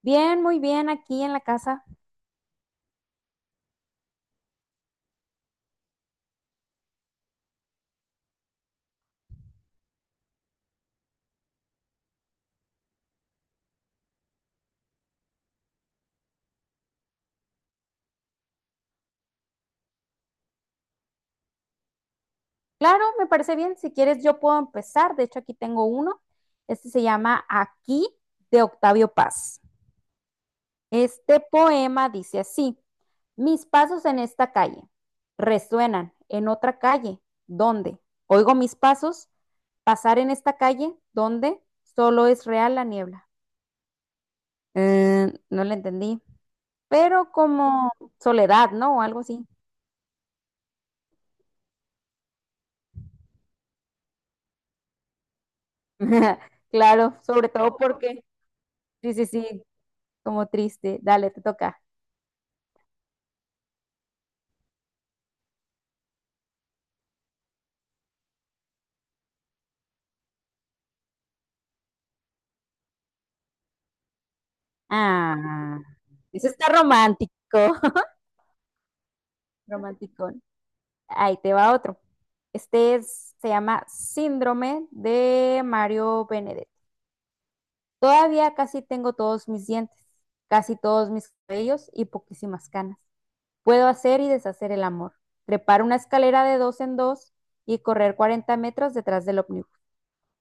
Bien, muy bien, aquí en la casa. Claro, me parece bien. Si quieres, yo puedo empezar. De hecho, aquí tengo uno. Este se llama Aquí de Octavio Paz. Este poema dice así, mis pasos en esta calle resuenan en otra calle, ¿dónde? Oigo mis pasos pasar en esta calle, ¿dónde? Solo es real la niebla. No le entendí, pero como soledad, ¿no? O algo así. Claro, sobre todo porque, sí, sí, sí, como triste. Dale, te toca. Ah, eso está romántico. Romanticón. Ahí te va otro. Este se llama Síndrome de Mario Benedetti. Todavía casi tengo todos mis dientes, casi todos mis cabellos y poquísimas canas. Puedo hacer y deshacer el amor, trepar una escalera de dos en dos y correr 40 metros detrás del ómnibus.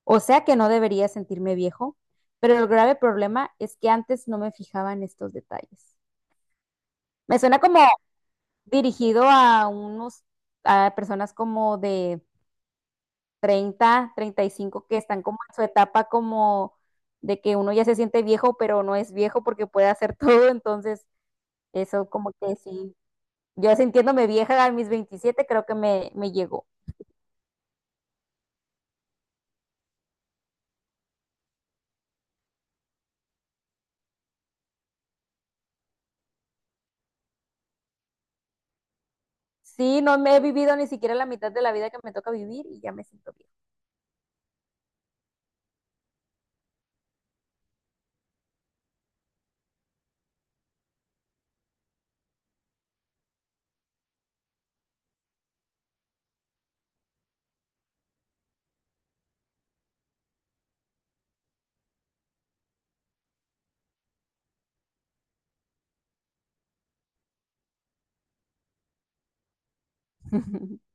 O sea que no debería sentirme viejo, pero el grave problema es que antes no me fijaba en estos detalles. Me suena como dirigido a personas como de 30, 35 que están como en su etapa como de que uno ya se siente viejo, pero no es viejo porque puede hacer todo, entonces eso como que sí, yo sintiéndome vieja a mis 27, creo que me llegó. Sí, no me he vivido ni siquiera la mitad de la vida que me toca vivir y ya me siento vieja.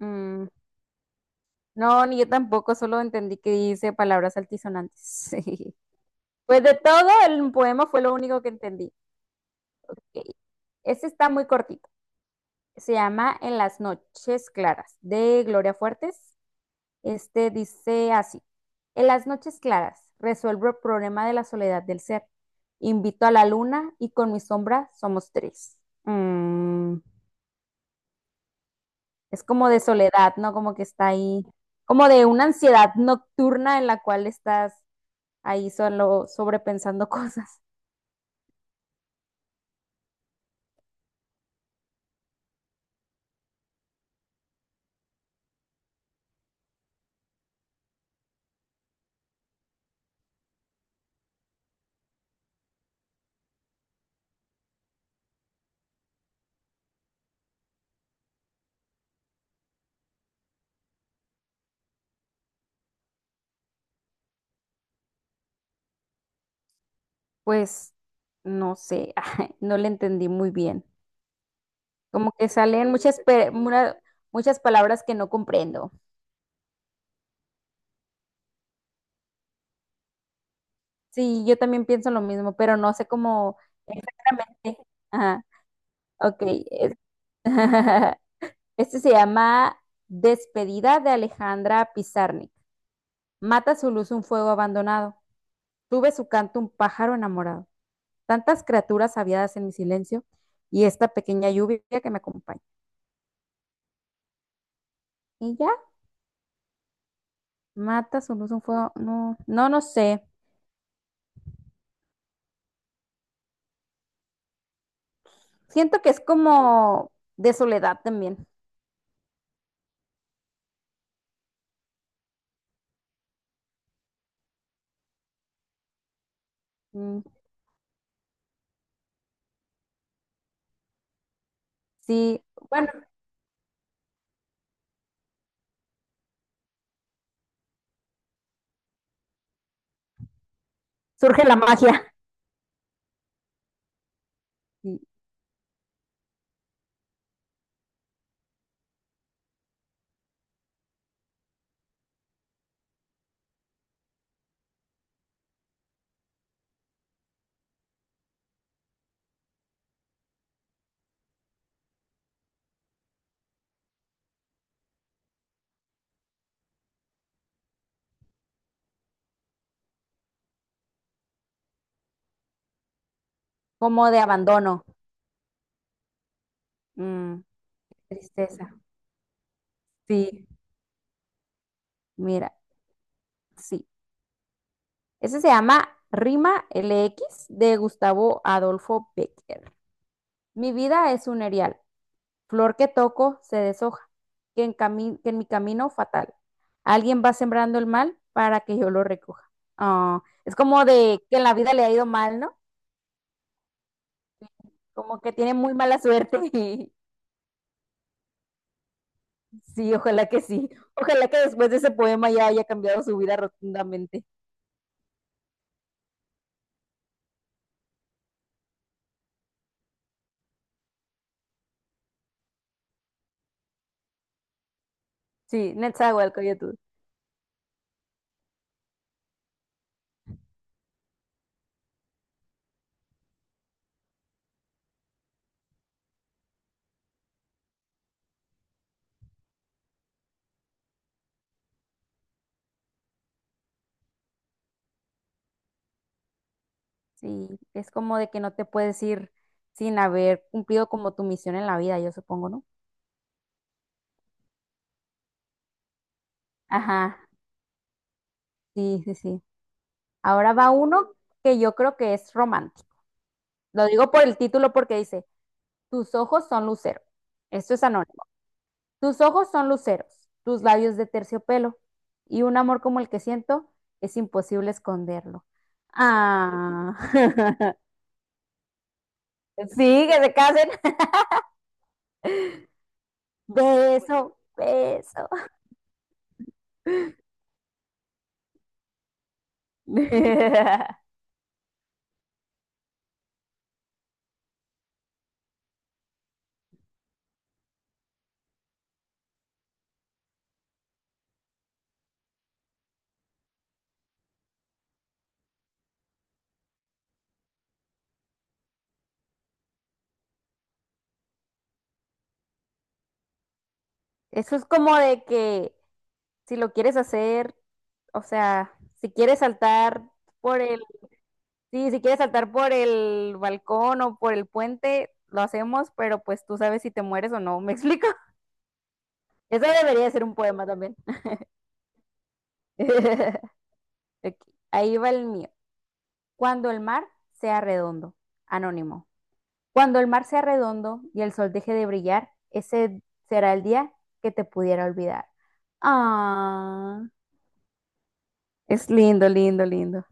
Mm, no, ni yo tampoco, solo entendí que dice palabras altisonantes. Pues de todo el poema fue lo único que entendí. Ok, este está muy cortito. Se llama En las noches claras, de Gloria Fuertes. Este dice así. En las noches claras resuelvo el problema de la soledad del ser. Invito a la luna y con mi sombra somos tres. Mm, es como de soledad, ¿no? Como que está ahí, como de una ansiedad nocturna en la cual estás ahí solo sobrepensando cosas. Pues no sé, no le entendí muy bien. Como que salen muchas palabras que no comprendo. Sí, yo también pienso lo mismo, pero no sé cómo exactamente. Ajá, ok. es- Este se llama Despedida de Alejandra Pizarnik. Mata su luz un fuego abandonado. Tuve su canto un pájaro enamorado. Tantas criaturas aviadas en mi silencio y esta pequeña lluvia que me acompaña. ¿Y ya? Mata su luz un fuego. No, no, no sé. Siento que es como de soledad también. Mm, sí, bueno, surge la magia, sí, como de abandono, mm, tristeza. Sí, mira, sí. Ese se llama Rima LX de Gustavo Adolfo Becker. Mi vida es un erial, flor que toco se deshoja, que en mi camino fatal. Alguien va sembrando el mal para que yo lo recoja. Ah, es como de que en la vida le ha ido mal, ¿no? Como que tiene muy mala suerte. Sí. Ojalá que después de ese poema ya haya cambiado su vida rotundamente. Sí, Netzahualcóyotl. Sí, es como de que no te puedes ir sin haber cumplido como tu misión en la vida, yo supongo, ¿no? Ajá, sí, sí, sí. Ahora va uno que yo creo que es romántico. Lo digo por el título porque dice, tus ojos son luceros. Esto es anónimo. Tus ojos son luceros, tus labios de terciopelo y un amor como el que siento es imposible esconderlo. Ah. Sí, que se casen. Beso, beso. Eso es como de que si lo quieres hacer, o sea, si quieres saltar por el, sí, si quieres saltar por el balcón o por el puente, lo hacemos, pero pues tú sabes si te mueres o no, ¿me explico? Eso debería ser un poema también. Ok, ahí va el mío. Cuando el mar sea redondo, anónimo. Cuando el mar sea redondo y el sol deje de brillar, ese será el día que te pudiera olvidar. Ah, es lindo, lindo, lindo.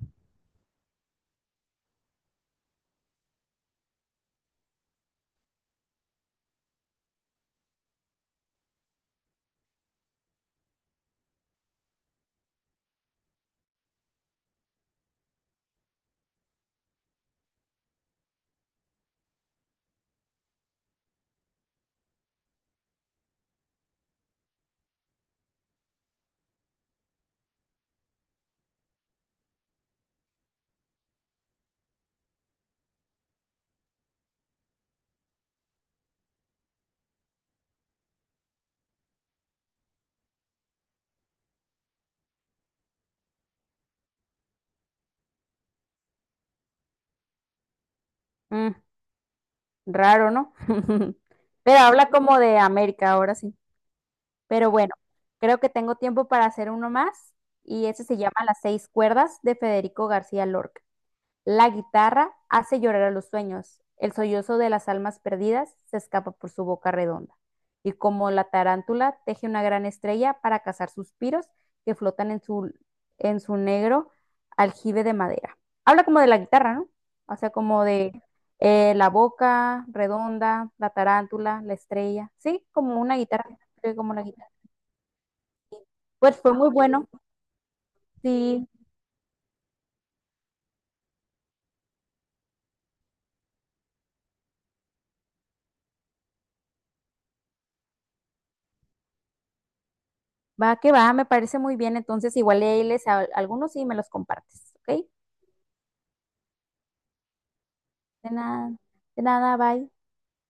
Mm, raro, ¿no? Pero habla como de América ahora sí. Pero bueno, creo que tengo tiempo para hacer uno más y ese se llama Las seis cuerdas de Federico García Lorca. La guitarra hace llorar a los sueños, el sollozo de las almas perdidas se escapa por su boca redonda, y como la tarántula teje una gran estrella para cazar suspiros que flotan en su negro aljibe de madera. Habla como de la guitarra, ¿no? O sea, como de la boca redonda, la tarántula, la estrella, sí, como una guitarra, sí, como la guitarra. Pues fue muy bueno, sí, va que va, me parece muy bien, entonces igual ahí les, algunos sí me los compartes, ¿ok? De nada, de nada, bye.